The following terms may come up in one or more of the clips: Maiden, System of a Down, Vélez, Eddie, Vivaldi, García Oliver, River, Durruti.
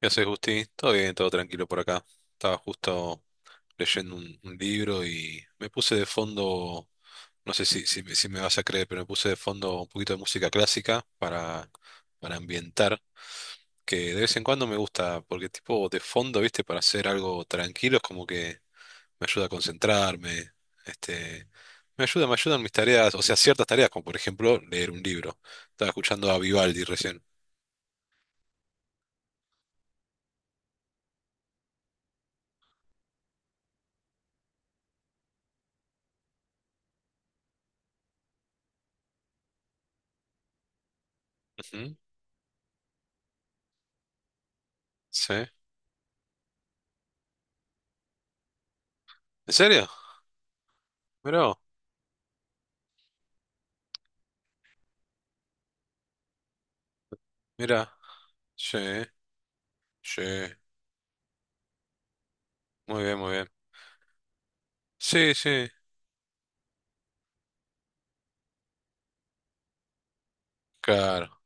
¿Qué haces, Gusti? Todo bien, todo tranquilo por acá. Estaba justo leyendo un libro y me puse de fondo, no sé si me vas a creer, pero me puse de fondo un poquito de música clásica para ambientar, que de vez en cuando me gusta, porque tipo de fondo, viste, para hacer algo tranquilo es como que me ayuda a concentrarme, este, me ayudan mis tareas, o sea, ciertas tareas, como por ejemplo leer un libro. Estaba escuchando a Vivaldi recién. Ujú. Sí. ¿En serio? Mirá. Mira, sí, sí, muy bien, muy bien. Sí, sí, claro.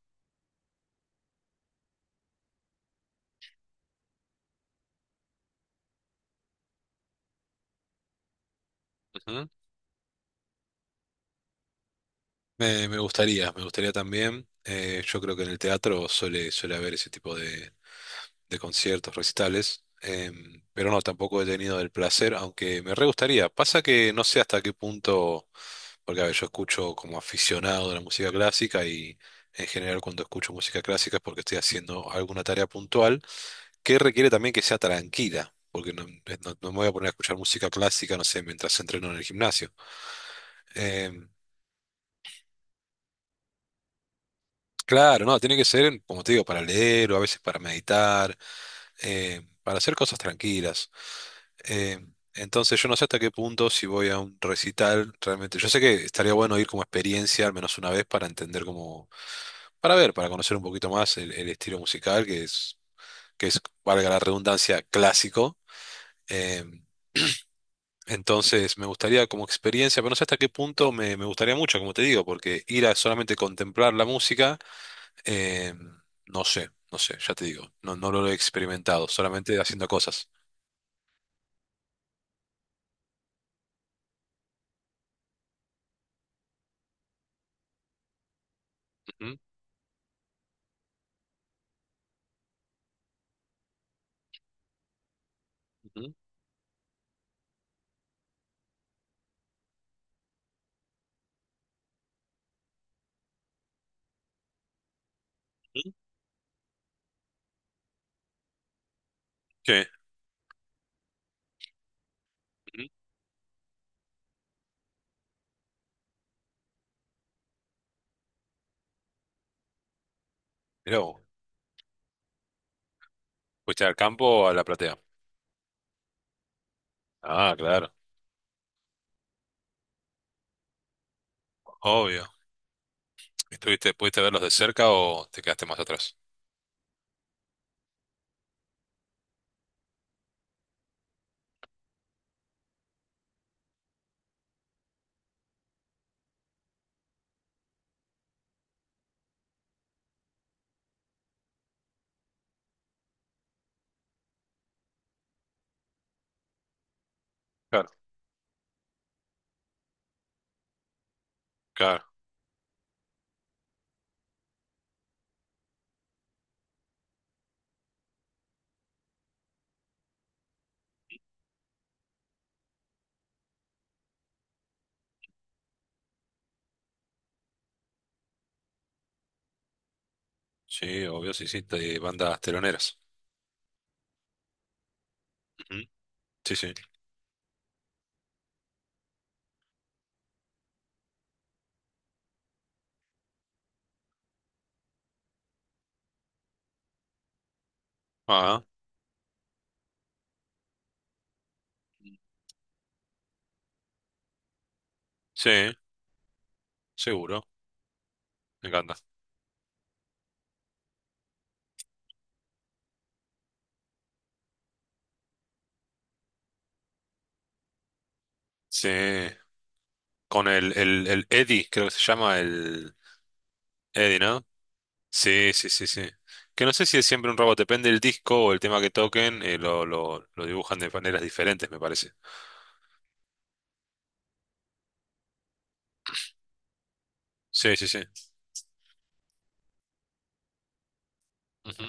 Ujú. Me gustaría también. Yo creo que en el teatro suele haber ese tipo de conciertos, recitales, pero no, tampoco he tenido el placer, aunque me re gustaría. Pasa que no sé hasta qué punto, porque a ver, yo escucho como aficionado de la música clásica y en general cuando escucho música clásica es porque estoy haciendo alguna tarea puntual, que requiere también que sea tranquila, porque no me voy a poner a escuchar música clásica, no sé, mientras entreno en el gimnasio. Eh, claro, no, tiene que ser, como te digo, para leer o a veces para meditar, para hacer cosas tranquilas. Eh, entonces yo no sé hasta qué punto si voy a un recital. Realmente, yo sé que estaría bueno ir como experiencia al menos una vez para entender cómo, para ver, para conocer un poquito más el estilo musical que es, que es, valga la redundancia, clásico. Em, Entonces, me gustaría como experiencia, pero no sé hasta qué punto me gustaría mucho, como te digo, porque ir a solamente contemplar la música, eh, no sé, ya te digo, no, no lo he experimentado, solamente haciendo cosas. Ujú, ujú, ujú. Sí, ujú. Mirá vos, ¿fuiste al campo o a la platea? Ah, claro, obvio. ¿ pudiste verlos de cerca o te quedaste más atrás? Claro. Claro, sí, obvio, sí, sí, de bandas teloneras. Ujú. Sí, sí. Ah, sí, seguro, me encanta. Sí. Con el Eddie, creo que se llama el Eddie, ¿no? Sí, sí, sí, sí. Que no sé si es siempre un robot, depende del disco o el tema que toquen, lo dibujan de maneras diferentes, me parece. Sí, sí, sí. Ujú.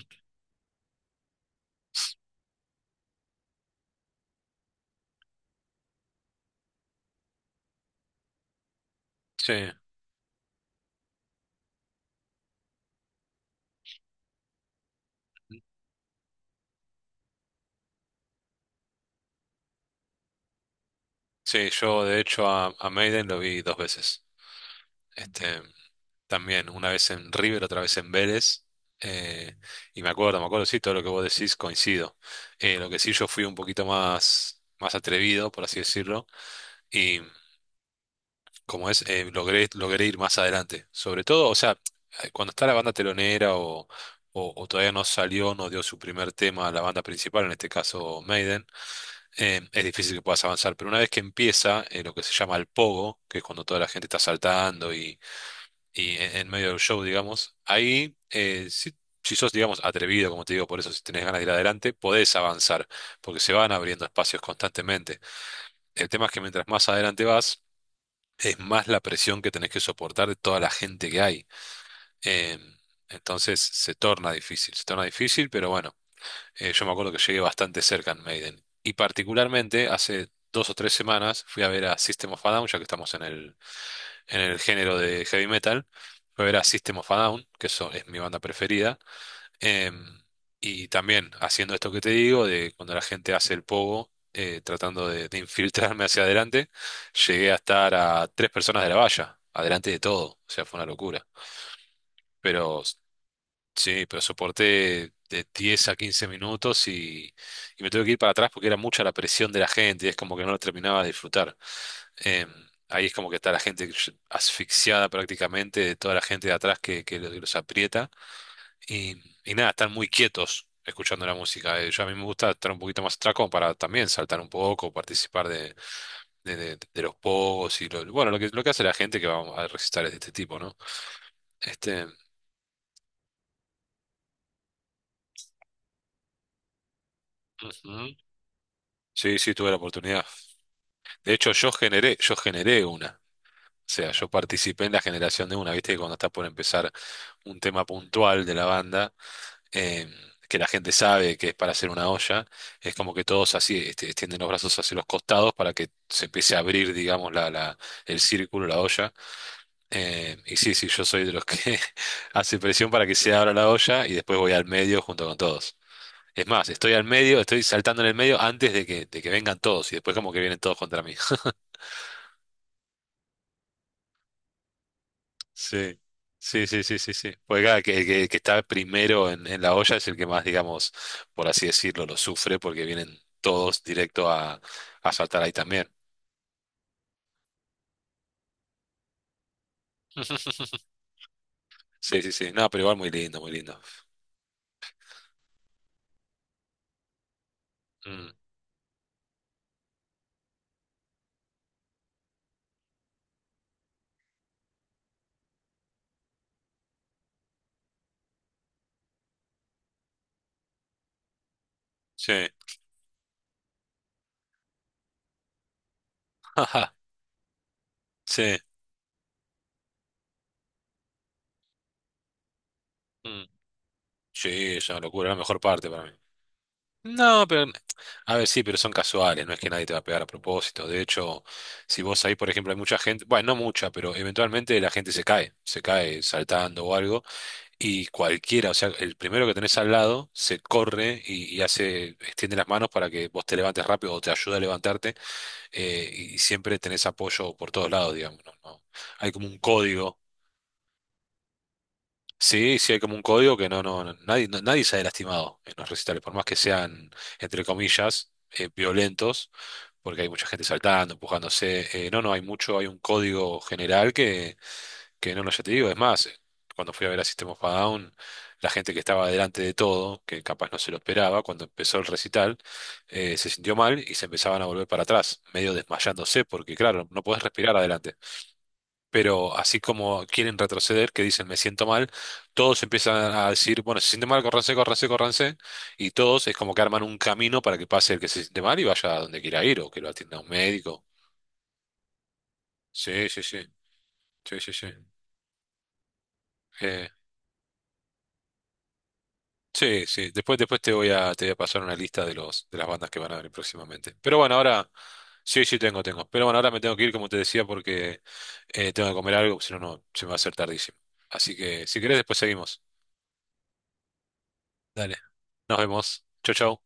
Sí, sí, yo de hecho a Maiden lo vi dos veces. Este, También, una vez en River, otra vez en Vélez. Eh, y me acuerdo, sí, todo lo que vos decís coincido. Lo que sí, yo fui un poquito más, más atrevido, por así decirlo. Como es, logré ir más adelante. Sobre todo, o sea, cuando está la banda telonera o todavía no salió, no dio su primer tema a la banda principal, en este caso Maiden, es difícil que puedas avanzar. Pero una vez que empieza lo que se llama el pogo, que es cuando toda la gente está saltando y, en medio del show, digamos, ahí. Si sos, digamos, atrevido, como te digo, por eso si tenés ganas de ir adelante, podés avanzar, porque se van abriendo espacios constantemente. El tema es que mientras más adelante vas, es más la presión que tenés que soportar de toda la gente que hay. Em, entonces se torna difícil, pero bueno, yo me acuerdo que llegué bastante cerca en Maiden. Y particularmente hace 2 o 3 semanas fui a ver a System of a Down, ya que estamos en el género de heavy metal, fui a ver a System of a Down, que eso es mi banda preferida. Em, y también haciendo esto que te digo, de cuando la gente hace el pogo, tratando de infiltrarme hacia adelante, llegué a estar a tres personas de la valla, adelante de todo, o sea, fue una locura. Pero sí, pero soporté de 10 a 15 minutos y me tuve que ir para atrás porque era mucha la presión de la gente y es como que no lo terminaba de disfrutar. Em, ahí es como que está la gente asfixiada prácticamente, de toda la gente de atrás que los aprieta y, y nada, están muy quietos escuchando la música. Yo a mí me gusta estar un poquito más atrás como para también saltar un poco, participar de los pogos y bueno, lo que hace la gente que va a recitar es de este tipo, ¿no? Este, Ujú. Sí, sí, tuve la oportunidad. De hecho, yo generé una. O sea, yo participé en la generación de una, viste que cuando está por empezar un tema puntual de la banda, em, que la gente sabe que es para hacer una olla, es como que todos así extienden los brazos hacia los costados para que se empiece a abrir, digamos, el círculo, la olla. Y sí, sí, yo soy de los que hace presión para que se abra la olla y después voy al medio junto con todos. Es más, estoy al medio, estoy saltando en el medio antes de que vengan todos y después como que vienen todos contra mí. Sí, sí, sí, sí, sí, sí. Pues claro, que, el que está primero en la olla es el que más, digamos, por así decirlo, lo sufre porque vienen todos directo a saltar ahí también. Sí, sí, sí. No, pero igual muy lindo, muy lindo. Mm, sí, sí. Mm, sí, es una locura, la mejor parte para mí. No, pero, a ver, sí, pero son casuales, no es que nadie te va a pegar a propósito. De hecho, si vos ahí, por ejemplo, hay mucha gente, bueno, no mucha, pero eventualmente la gente se cae saltando o algo. Y cualquiera, o sea, el primero que tenés al lado se corre y extiende las manos para que vos te levantes rápido o te ayuda a levantarte, y siempre tenés apoyo por todos lados, digamos, no, no. Hay como un código. Sí, sí hay como un código que nadie sale lastimado en los recitales, por más que sean, entre comillas, violentos, porque hay mucha gente saltando, empujándose. No, no, hay un código general que no, no, ya te digo, es más, cuando fui a ver a System of a Down, la gente que estaba delante de todo, que capaz no se lo esperaba, cuando empezó el recital, se sintió mal y se empezaban a volver para atrás, medio desmayándose, porque claro, no podés respirar adelante. Pero así como quieren retroceder, que dicen me siento mal, todos empiezan a decir, bueno, se siente mal, córranse, córranse, córranse, y todos es como que arman un camino para que pase el que se siente mal y vaya a donde quiera ir, o que lo atienda un médico. Sí, sí, sí, sí, sí, sí. Eh, Sí, sí. Después te voy a pasar una lista de los, de las bandas que van a venir próximamente. Pero bueno, ahora, sí, sí, tengo. Pero bueno, ahora me tengo que ir, como te decía, porque tengo que comer algo, si no, se me va a hacer tardísimo. Así que, si querés, después seguimos. Dale. Nos vemos. Chau, chau.